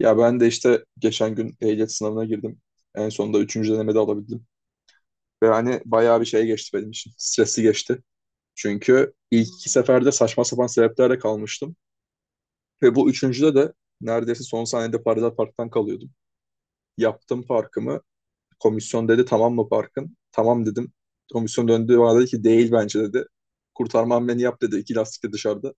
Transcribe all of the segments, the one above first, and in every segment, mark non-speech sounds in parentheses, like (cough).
Ya ben de işte geçen gün ehliyet sınavına girdim. En sonunda üçüncü denemede alabildim. Ve hani bayağı bir şey geçti benim için. Stresli geçti. Çünkü ilk iki seferde saçma sapan sebeplerle kalmıştım. Ve bu üçüncüde de neredeyse son saniyede paralel parktan kalıyordum. Yaptım parkımı. Komisyon dedi tamam mı parkın? Tamam dedim. Komisyon döndü bana dedi ki değil bence dedi. Kurtarma hamleni yap dedi. İki lastik de dışarıda.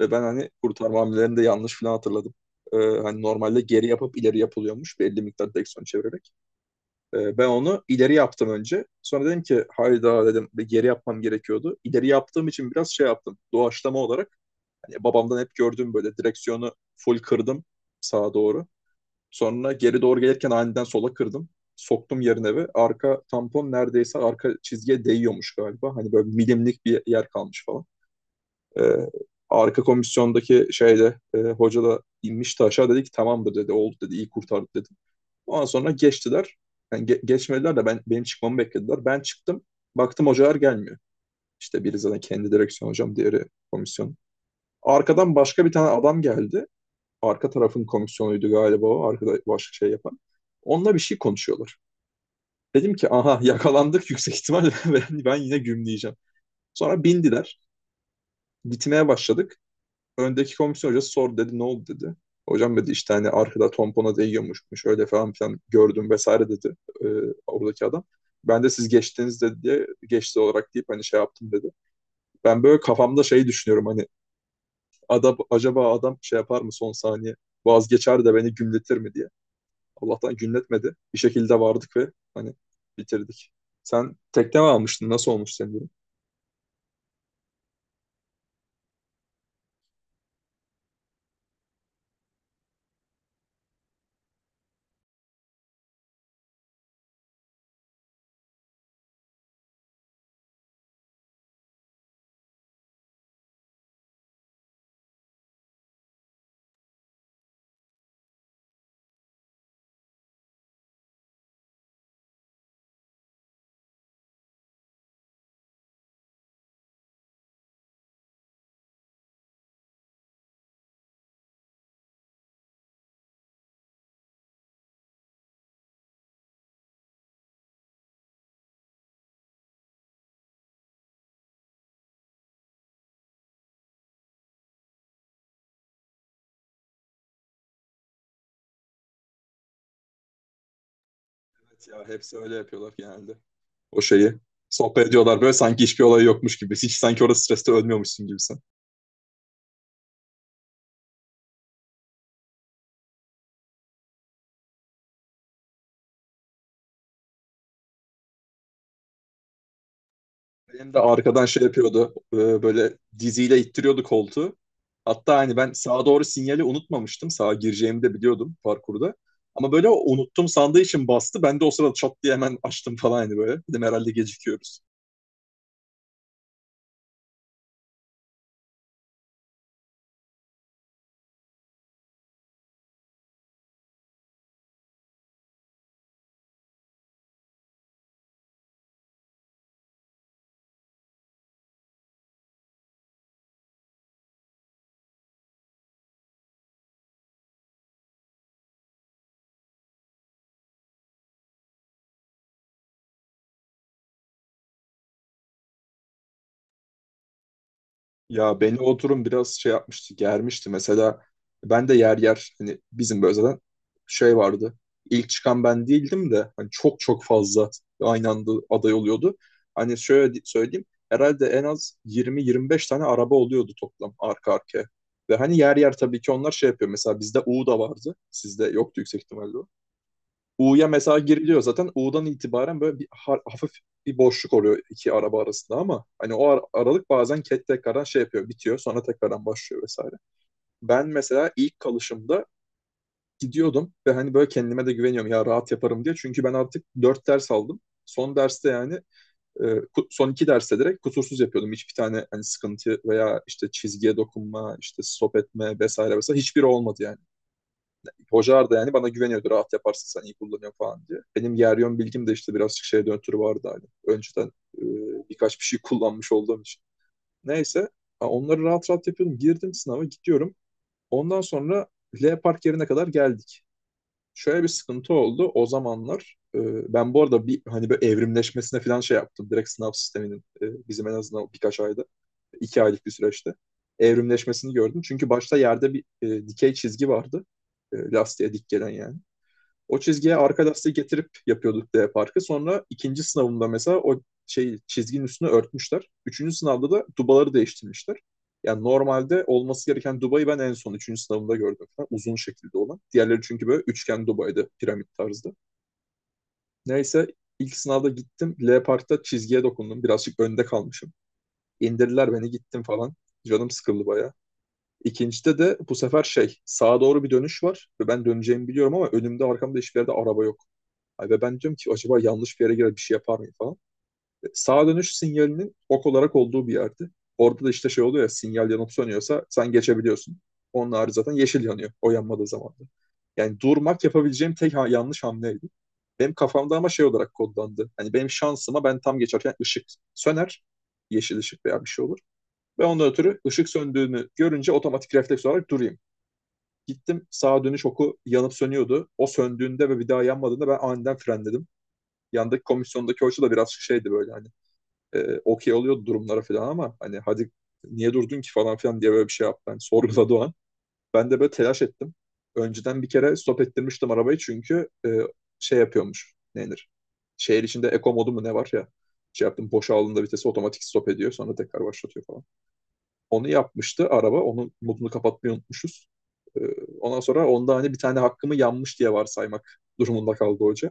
Ve ben hani kurtarma hamlelerini de yanlış falan hatırladım. Hani normalde geri yapıp ileri yapılıyormuş belli miktar direksiyon çevirerek. Ben onu ileri yaptım önce. Sonra dedim ki hayda dedim bir geri yapmam gerekiyordu. İleri yaptığım için biraz şey yaptım. Doğaçlama olarak hani babamdan hep gördüğüm böyle direksiyonu full kırdım sağa doğru. Sonra geri doğru gelirken aniden sola kırdım. Soktum yerine ve arka tampon neredeyse arka çizgiye değiyormuş galiba. Hani böyle milimlik bir yer kalmış falan. Ee, Arka komisyondaki şeyde hoca da inmişti aşağı dedi ki tamamdır dedi oldu dedi iyi kurtardık dedi. Ondan sonra geçtiler. Yani geçmediler de ben benim çıkmamı beklediler. Ben çıktım. Baktım hocalar gelmiyor. İşte biri zaten kendi direksiyon hocam, diğeri komisyon. Arkadan başka bir tane adam geldi. Arka tarafın komisyonuydu galiba o. Arkada başka şey yapan. Onunla bir şey konuşuyorlar. Dedim ki aha yakalandık yüksek ihtimalle (laughs) ben, yine gümleyeceğim. Sonra bindiler. Gitmeye başladık. Öndeki komisyon hocası sordu dedi ne oldu dedi. Hocam dedi işte hani arkada tompona değiyormuşmuş öyle falan filan gördüm vesaire dedi e, oradaki adam. Ben de siz geçtiniz dedi diye geçti olarak deyip hani şey yaptım dedi. Ben böyle kafamda şeyi düşünüyorum hani adam, acaba adam şey yapar mı son saniye vazgeçer de beni gümletir mi diye. Allah'tan gümletmedi. Bir şekilde vardık ve hani bitirdik. Sen tekne mi almıştın? Nasıl olmuş senin durum? Evet ya hepsi öyle yapıyorlar genelde. O şeyi. Sohbet ediyorlar böyle sanki hiçbir olay yokmuş gibi. Hiç sanki orada streste ölmüyormuşsun gibi sen. Benim de arkadan şey yapıyordu. Böyle diziyle ittiriyordu koltuğu. Hatta hani ben sağa doğru sinyali unutmamıştım. Sağa gireceğimi de biliyordum parkurda. Ama böyle o unuttum sandığı için bastı. Ben de o sırada çat diye hemen açtım falan hani böyle. Dedim herhalde gecikiyoruz. Ya beni o durum biraz şey yapmıştı, germişti. Mesela ben de yer yer hani bizim böyle zaten şey vardı. İlk çıkan ben değildim de hani çok fazla aynı anda aday oluyordu. Hani şöyle söyleyeyim herhalde en az 20-25 tane araba oluyordu toplam arka arkaya. Ve hani yer yer tabii ki onlar şey yapıyor. Mesela bizde U da vardı. Sizde yoktu yüksek ihtimalle. U'ya mesela giriliyor zaten. U'dan itibaren böyle bir hafif bir boşluk oluyor iki araba arasında ama hani o aralık bazen ket tekrardan şey yapıyor, bitiyor. Sonra tekrardan başlıyor vesaire. Ben mesela ilk kalışımda gidiyordum ve hani böyle kendime de güveniyorum ya rahat yaparım diye. Çünkü ben artık dört ders aldım. Son derste yani son iki derste direkt kusursuz yapıyordum. Hiçbir tane hani sıkıntı veya işte çizgiye dokunma, işte stop etme vesaire vesaire hiçbiri olmadı yani. Hoca da yani bana güveniyordu. Rahat yaparsın sen iyi kullanıyorsun falan diye. Benim Yeryon bilgim de işte birazcık şeye döntürü vardı hani. Önceden e, birkaç bir şey kullanmış olduğum için. Neyse onları rahat rahat yapıyordum. Girdim sınava gidiyorum. Ondan sonra L Park yerine kadar geldik. Şöyle bir sıkıntı oldu. O zamanlar ben bu arada bir hani böyle evrimleşmesine falan şey yaptım. Direkt sınav sisteminin bizim en azından birkaç ayda, iki aylık bir süreçte evrimleşmesini gördüm. Çünkü başta yerde bir dikey çizgi vardı. Lastiğe dik gelen yani. O çizgiye arka lastiği getirip yapıyorduk D parkı. Sonra ikinci sınavımda mesela o şey çizginin üstünü örtmüşler. Üçüncü sınavda da dubaları değiştirmişler. Yani normalde olması gereken dubayı ben en son üçüncü sınavımda gördüm. Falan. Uzun şekilde olan. Diğerleri çünkü böyle üçgen dubaydı piramit tarzda. Neyse ilk sınavda gittim. L parkta çizgiye dokundum. Birazcık önde kalmışım. İndirdiler beni gittim falan. Canım sıkıldı bayağı. İkincide de bu sefer şey sağa doğru bir dönüş var ve ben döneceğimi biliyorum ama önümde arkamda hiçbir yerde araba yok. Ve ben diyorum ki acaba yanlış bir yere girer bir şey yapar mıyım falan. Sağa dönüş sinyalinin ok olarak olduğu bir yerdi. Orada da işte şey oluyor ya sinyal yanıp sönüyorsa sen geçebiliyorsun. Onun harici zaten yeşil yanıyor o yanmadığı zaman da. Yani durmak yapabileceğim tek yanlış hamleydi. Benim kafamda ama şey olarak kodlandı. Hani benim şansıma ben tam geçerken ışık söner. Yeşil ışık veya bir şey olur. Ve ondan ötürü ışık söndüğünü görünce otomatik refleks olarak durayım. Gittim sağa dönüş oku yanıp sönüyordu. O söndüğünde ve bir daha yanmadığında ben aniden frenledim yandaki komisyondaki hoca da biraz şeydi böyle hani okey oluyordu durumlara falan ama hani hadi niye durdun ki falan filan diye böyle bir şey yaptı. Hani sorguladı o an. Ben de böyle telaş ettim. Önceden bir kere stop ettirmiştim arabayı çünkü şey yapıyormuş. Ne Şehir içinde eko modu mu ne var ya. Şey yaptım boşa aldığında vitesi otomatik stop ediyor sonra tekrar başlatıyor falan. Onu yapmıştı araba. Onun modunu kapatmayı unutmuşuz. E, Ondan sonra onda hani bir tane hakkımı yanmış diye varsaymak durumunda kaldı hoca.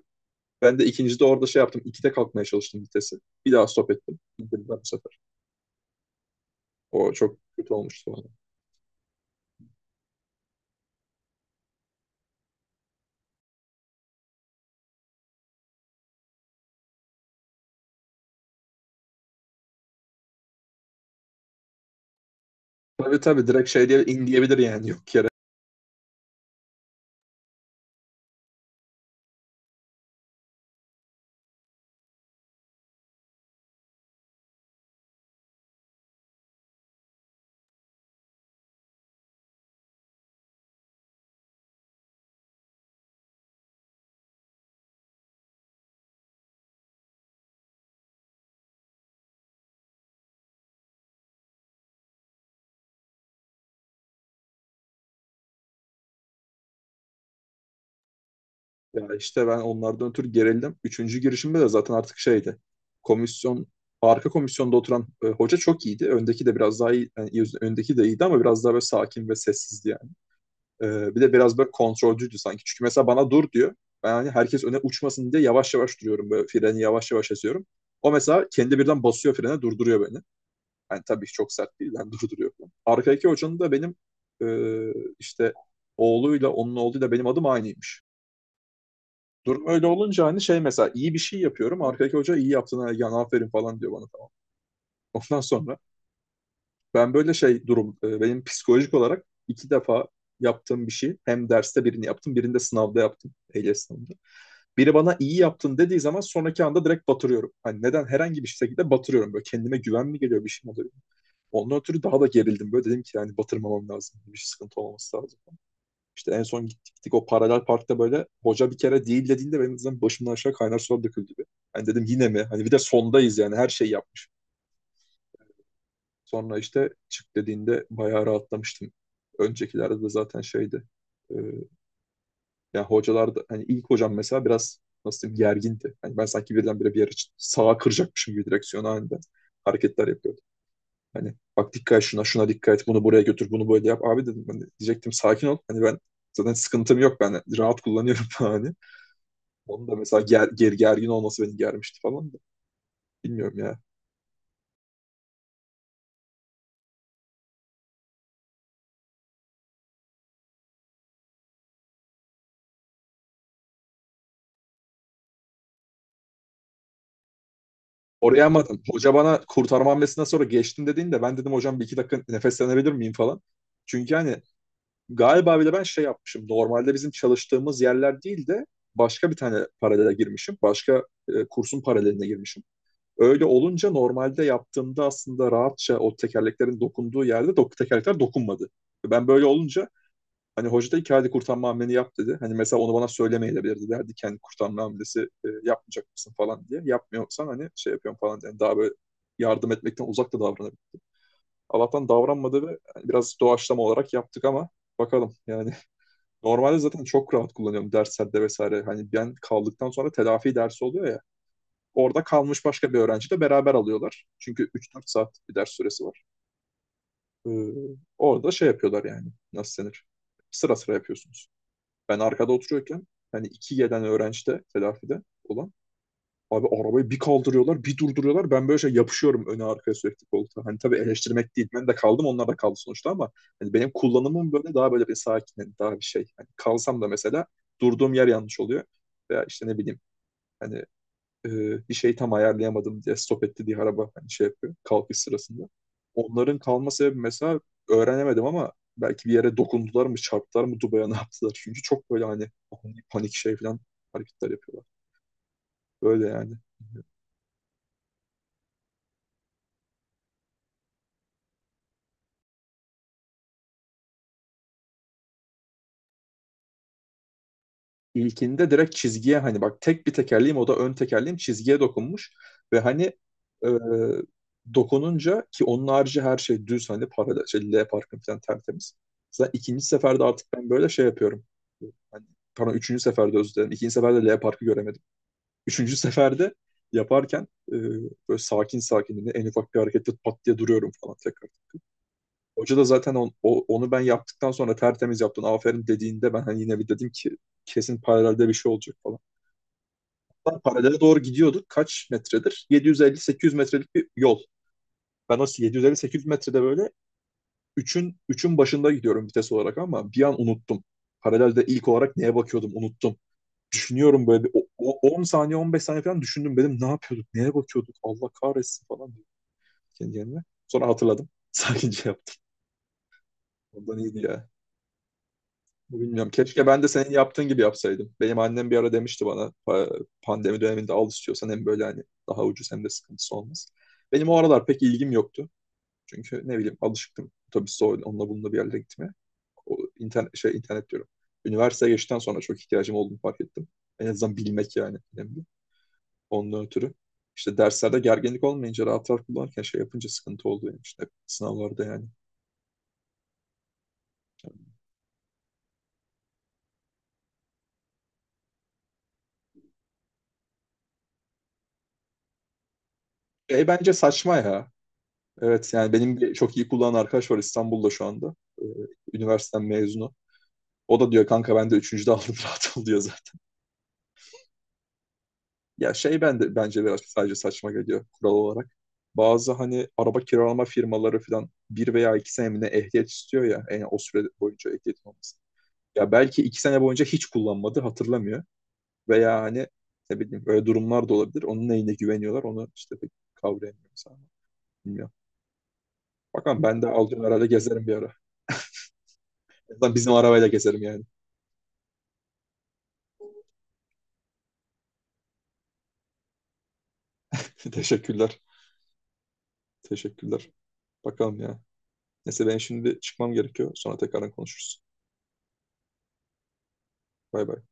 Ben de ikincide orada şey yaptım. İkide kalkmaya çalıştım vitesi. Bir daha stop ettim. İndirdiler bu sefer. O çok kötü olmuştu bana. Tabii tabii direkt şey diye in diyebilir yani yok yere. Ya işte ben onlardan ötürü gerildim. Üçüncü girişimde de zaten artık şeydi. Komisyon arka komisyonda oturan hoca çok iyiydi. Öndeki de biraz daha iyi, yani öndeki de iyiydi ama biraz daha böyle sakin ve sessizdi yani. Bir de biraz böyle kontrolcüydü sanki. Çünkü mesela bana dur diyor. Ben hani herkes öne uçmasın diye yavaş yavaş duruyorum. Böyle freni yavaş yavaş açıyorum. O mesela kendi birden basıyor frene durduruyor beni. Yani tabii çok sert değil. Ben durduruyorum. Arkadaki hocanın da benim e, işte oğluyla onun oğluyla benim adım aynıymış. Durum öyle olunca hani şey mesela iyi bir şey yapıyorum. Arkadaki hoca iyi yaptın Ergen aferin falan diyor bana tamam. Ondan sonra ben böyle şey durum benim psikolojik olarak iki defa yaptığım bir şey. Hem derste birini yaptım, birinde sınavda yaptım. Ehliyet sınavında. Biri bana iyi yaptın dediği zaman sonraki anda direkt batırıyorum. Hani neden? Herhangi bir şekilde batırıyorum. Böyle kendime güven mi geliyor bir şey mi oluyor? Ondan ötürü daha da gerildim böyle dedim ki yani batırmamam lazım. Bir sıkıntı olmaması lazım. İşte en son gittik o paralel parkta böyle hoca bir kere değil dediğinde benim zaten başımdan aşağı kaynar sular döküldü gibi. Hani dedim yine mi? Hani bir de sondayız yani her şey yapmış. Sonra işte çık dediğinde bayağı rahatlamıştım. Öncekilerde de zaten şeydi. E, Yani hocalar da hani ilk hocam mesela biraz nasıl diyeyim gergindi. Hani ben sanki birdenbire bir yere sağa kıracakmışım gibi direksiyon halinde hareketler yapıyor. Hani bak dikkat et şuna, şuna dikkat et, bunu buraya götür, bunu böyle yap. Abi dedim hani diyecektim sakin ol. Hani ben zaten sıkıntım yok ben rahat kullanıyorum (laughs) hani. Onun da mesela gergin olması beni germişti falan da. Bilmiyorum ya. Oraya ama hoca bana kurtarma hamlesinden sonra geçtim dediğinde ben dedim hocam bir iki dakika nefeslenebilir miyim falan. Çünkü hani galiba bile ben şey yapmışım. Normalde bizim çalıştığımız yerler değil de başka bir tane paralele girmişim. Başka kursun paraleline girmişim. Öyle olunca normalde yaptığımda aslında rahatça o tekerleklerin dokunduğu yerde dok tekerlekler dokunmadı. Ben böyle olunca hani hoca da iki hadi kurtarma hamleni yap dedi. Hani mesela onu bana söylemeyebilirdi derdi kendi kurtarma hamlesi yapmayacak mısın falan diye. Yapmıyorsan hani şey yapıyorum falan diye. Yani daha böyle yardım etmekten uzak da davranabilir. Allah'tan davranmadı ve hani biraz doğaçlama olarak yaptık ama bakalım yani (laughs) normalde zaten çok rahat kullanıyorum derslerde vesaire. Hani ben kaldıktan sonra telafi dersi oluyor ya. Orada kalmış başka bir öğrenci de beraber alıyorlar. Çünkü üç dört saat bir ders süresi var. Ee, Orada şey yapıyorlar yani. Nasıl denir? Sıra sıra yapıyorsunuz. Ben arkada oturuyorken hani iki gelen öğrenci de telafide olan abi arabayı bir kaldırıyorlar bir durduruyorlar. Ben böyle şey yapışıyorum öne arkaya sürekli koltuğa. Hani tabii eleştirmek değil. Ben de kaldım onlar da kaldı sonuçta ama hani benim kullanımım böyle daha böyle bir sakin hani daha bir şey. Hani kalsam da mesela durduğum yer yanlış oluyor. Veya işte ne bileyim hani e, bir şey tam ayarlayamadım diye stop etti diye araba hani şey yapıyor kalkış sırasında. Onların kalma sebebi mesela öğrenemedim ama belki bir yere dokundular mı çarptılar mı Dubai'ye ne yaptılar. Çünkü çok böyle hani ani panik şey falan hareketler yapıyorlar. Böyle yani. İlkinde direkt çizgiye hani bak tek bir tekerleğim o da ön tekerleğim çizgiye dokunmuş ve hani e, dokununca ki onun harici her şey düz hani paralel şey, L parkın falan tertemiz. Zaten ikinci seferde artık ben böyle şey yapıyorum. Hani, pardon üçüncü seferde özür dilerim. İkinci seferde L parkı göremedim. Üçüncü seferde yaparken böyle sakin sakin hani en ufak bir harekette pat diye duruyorum falan tekrar. Hoca da zaten onu ben yaptıktan sonra tertemiz yaptın aferin dediğinde ben hani yine bir dedim ki kesin paralelde bir şey olacak falan paralele doğru gidiyorduk. Kaç metredir? 750-800 metrelik bir yol. Ben o 750-800 metrede böyle üçün üçün başında gidiyorum vites olarak ama bir an unuttum. Paralelde ilk olarak neye bakıyordum unuttum. Düşünüyorum böyle bir 10 saniye 15 saniye falan düşündüm. Dedim ne yapıyorduk? Neye bakıyorduk? Allah kahretsin falan diye kendi kendime. Sonra hatırladım. (laughs) Sakince yaptım. Ondan iyiydi ya. Bilmiyorum. Keşke ben de senin yaptığın gibi yapsaydım. Benim annem bir ara demişti bana pandemi döneminde al istiyorsan hem böyle hani daha ucuz hem de sıkıntısı olmaz. Benim o aralar pek ilgim yoktu. Çünkü ne bileyim alışıktım otobüste onunla bununla bir yerlere gitmeye. O internet, şey, internet diyorum. Üniversiteye geçtikten sonra çok ihtiyacım olduğunu fark ettim. En azından bilmek yani önemli. Ondan ötürü. İşte derslerde gerginlik olmayınca rahat rahat kullanırken şey yapınca sıkıntı oldu yani işte sınavlarda yani. Şey bence saçma ya. Evet yani benim bir çok iyi kullanan arkadaş var İstanbul'da şu anda. Ee, Üniversiteden mezunu. O da diyor kanka ben de üçüncüde aldım (laughs) rahat ol diyor zaten. Ya şey ben de bence biraz sadece saçma geliyor kural olarak. Bazı hani araba kiralama firmaları falan bir veya iki sene mi ne ehliyet istiyor ya. Yani o süre boyunca ehliyetin olması. Ya belki iki sene boyunca hiç kullanmadı hatırlamıyor. Veya hani ne bileyim öyle durumlar da olabilir. Onun neyine güveniyorlar onu işte pek kavrayamıyorum sana. Bilmiyorum. Bakalım ben de aldığım herhalde gezerim bir ara. En azından bizim arabayla gezerim yani. (laughs) Teşekkürler. Teşekkürler. Bakalım ya. Neyse ben şimdi çıkmam gerekiyor. Sonra tekrardan konuşuruz. Bay bay.